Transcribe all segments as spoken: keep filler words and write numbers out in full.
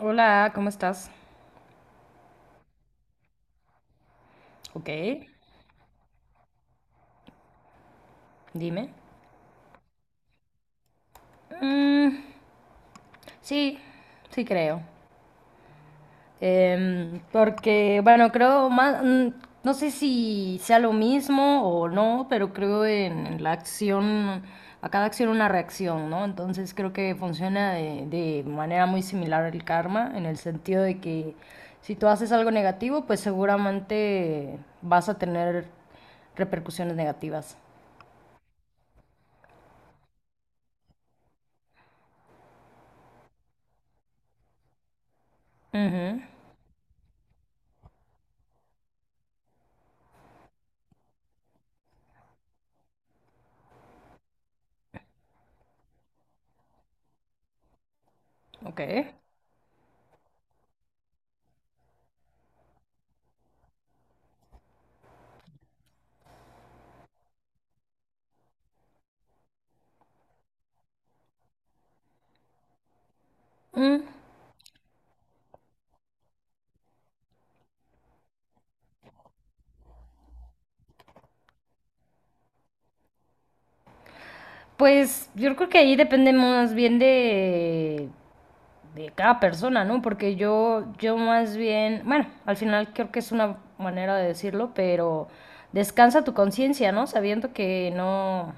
Hola, ¿cómo estás? Ok, dime. Mm, sí, sí creo. Em, porque, bueno, creo más, mm, no sé si sea lo mismo o no, pero creo en, en la acción, a cada acción una reacción, ¿no? Entonces creo que funciona de, de manera muy similar el karma, en el sentido de que si tú haces algo negativo, pues seguramente vas a tener repercusiones negativas. Ujú, ok. Mm. Pues yo creo que ahí depende más bien de, de cada persona, ¿no? Porque yo, yo más bien, bueno, al final creo que es una manera de decirlo, pero descansa tu conciencia, ¿no? Sabiendo que no,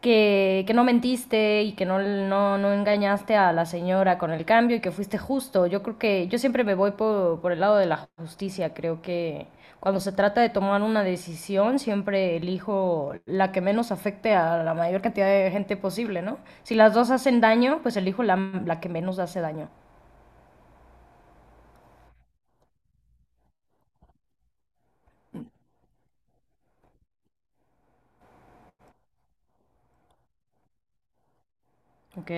que, que no mentiste y que no, no, no engañaste a la señora con el cambio y que fuiste justo. Yo creo que yo siempre me voy por, por el lado de la justicia. Creo que cuando se trata de tomar una decisión, siempre elijo la que menos afecte a la mayor cantidad de gente posible, ¿no? Si las dos hacen daño, pues elijo la, la que menos hace daño. Ok.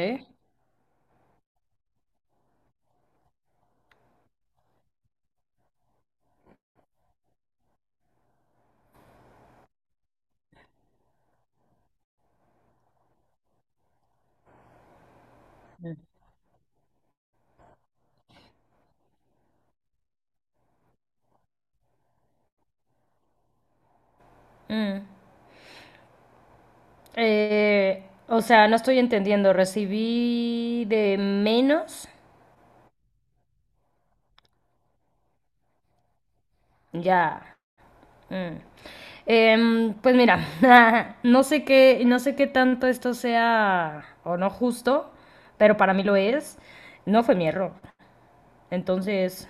Mm. Eh, o sea, no estoy entendiendo. Recibí de menos. Ya. Mm. Em, pues mira, no sé qué, no sé qué tanto esto sea o no justo, pero para mí lo es. No fue mi error. Entonces,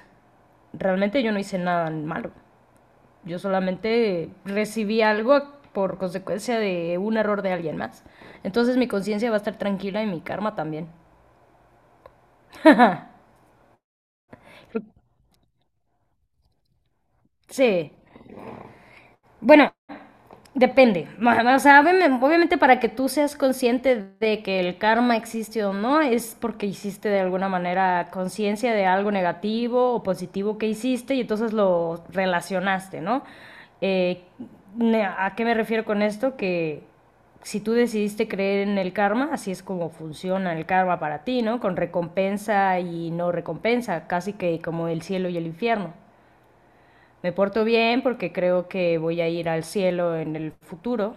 realmente yo no hice nada malo. Yo solamente recibí algo por consecuencia de un error de alguien más. Entonces mi conciencia va a estar tranquila y mi karma también. Sí. Bueno, depende. O sea, obvi- obviamente para que tú seas consciente de que el karma existe o no, es porque hiciste de alguna manera conciencia de algo negativo o positivo que hiciste y entonces lo relacionaste, ¿no? Eh, ne- ¿A qué me refiero con esto? Que si tú decidiste creer en el karma, así es como funciona el karma para ti, ¿no? Con recompensa y no recompensa, casi que como el cielo y el infierno. Me porto bien porque creo que voy a ir al cielo en el futuro.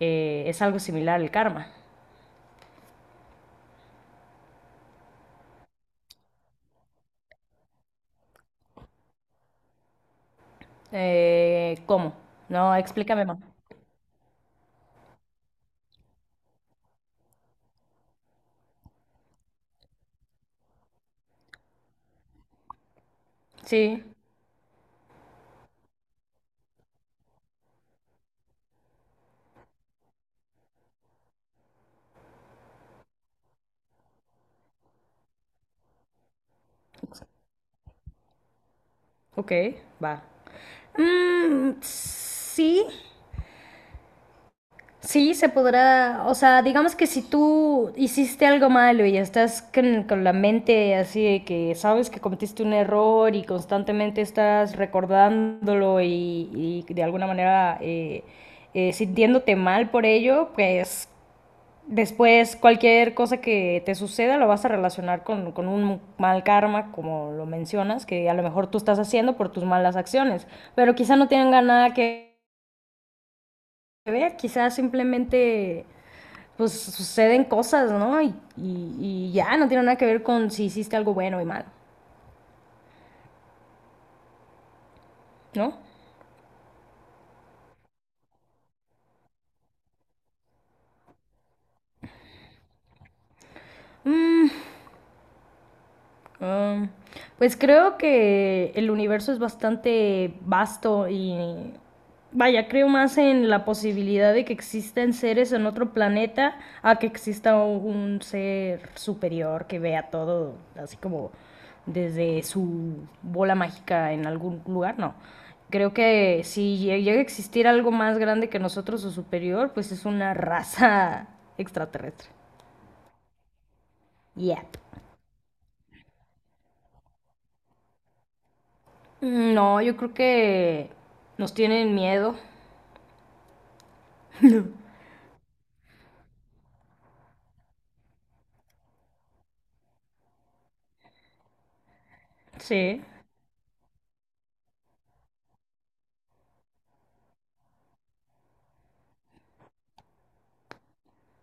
eh, Es algo similar al karma. Eh, ¿cómo? No, explícame más. Sí, ok, va. Mm, sí, sí, se podrá, o sea, digamos que si tú hiciste algo malo y estás con, con la mente así de que sabes que cometiste un error y constantemente estás recordándolo y, y de alguna manera eh, eh, sintiéndote mal por ello, pues después, cualquier cosa que te suceda lo vas a relacionar con, con un mal karma, como lo mencionas, que a lo mejor tú estás haciendo por tus malas acciones, pero quizá no tengan nada que ver, quizá simplemente pues suceden cosas, ¿no? Y, y- y ya, no tiene nada que ver con si hiciste algo bueno y malo, ¿no? Mm, Ah, pues creo que el universo es bastante vasto y vaya, creo más en la posibilidad de que existan seres en otro planeta a que exista un ser superior que vea todo así como desde su bola mágica en algún lugar, no. Creo que si lle- llega a existir algo más grande que nosotros o superior, pues es una raza extraterrestre. Yeah. Mm, no, yo creo que nos tienen miedo. Sí,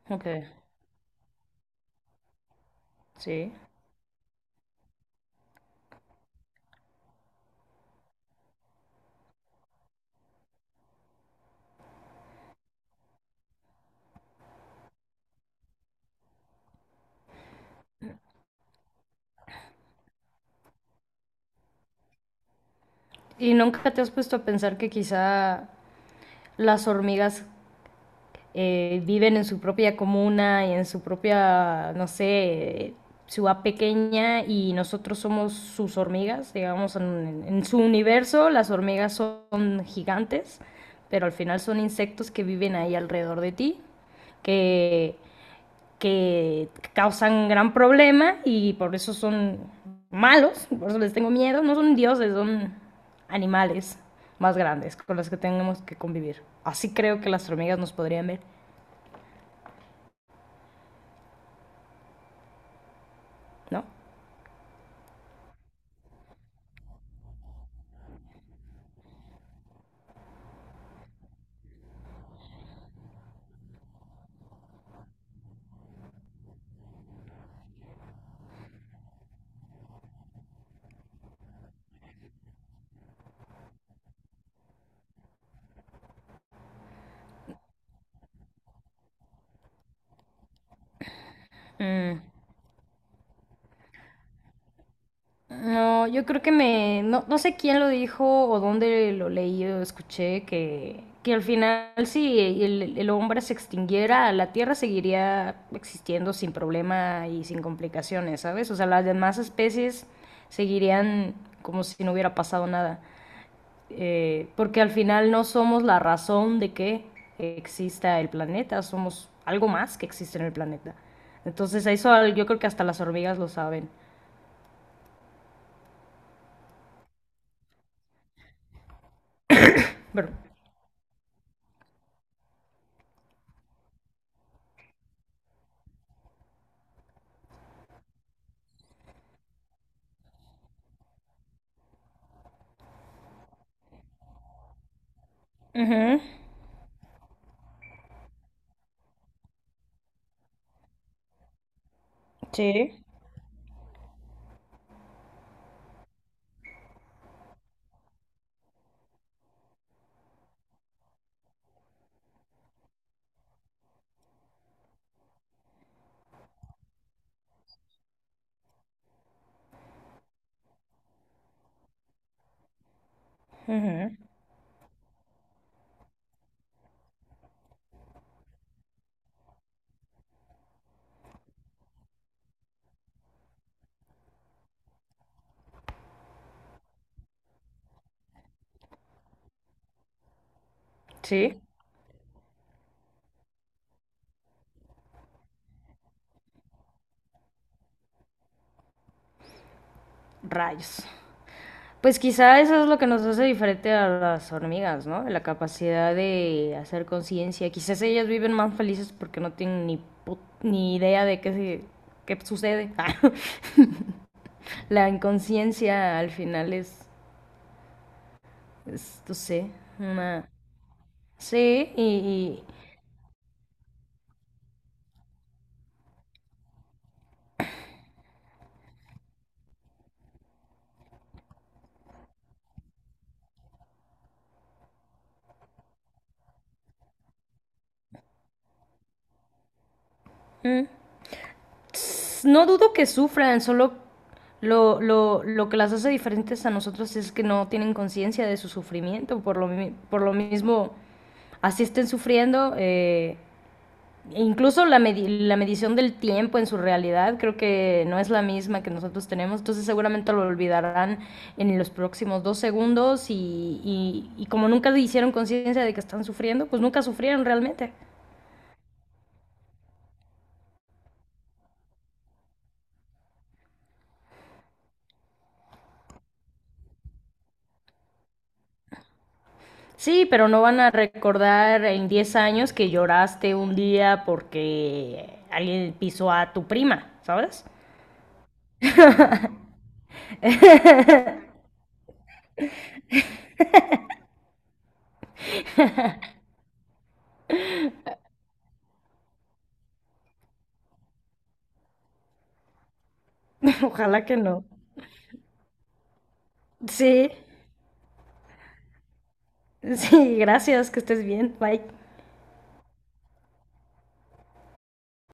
ok, sí. ¿Y nunca te has puesto a pensar que quizá las hormigas eh, viven en su propia comuna y en su propia, no sé, ciudad pequeña y nosotros somos sus hormigas? Digamos, en, en su universo las hormigas son gigantes, pero al final son insectos que viven ahí alrededor de ti que que causan gran problema y por eso son malos, por eso les tengo miedo, no son dioses, son animales más grandes con los que tenemos que convivir. Así creo que las hormigas nos podrían ver, ¿no? Mm. No, yo creo que me, no, no sé quién lo dijo o dónde lo leí o escuché, que, que al final si el, el hombre se extinguiera, la Tierra seguiría existiendo sin problema y sin complicaciones, ¿sabes? O sea, las demás especies seguirían como si no hubiera pasado nada. Eh, porque al final no somos la razón de que exista el planeta, somos algo más que existe en el planeta. Entonces eso al- yo creo que hasta las hormigas lo saben. Pero, ujú. Sí, ujú, sí, rayos. Pues quizá eso es lo que nos hace diferente a las hormigas, ¿no? La capacidad de hacer conciencia. Quizás ellas viven más felices porque no tienen ni, pu- ni idea de qué, se- qué sucede. La inconsciencia al final es, es, no sé, una... Sí, y, y- mm, no dudo que sufran, solo lo, lo, lo que las hace diferentes a nosotros es que no tienen conciencia de su sufrimiento, por lo, mi- por lo mismo, así estén sufriendo, eh, e incluso la, medi- la medición del tiempo en su realidad creo que no es la misma que nosotros tenemos, entonces seguramente lo olvidarán en los próximos dos segundos y, y, y como nunca hicieron conciencia de que están sufriendo, pues nunca sufrieron realmente. Sí, pero no van a recordar en diez años que lloraste un día porque alguien pisó a tu prima, ¿sabes? Ojalá que no. Sí, sí, gracias, que estés bien, bye.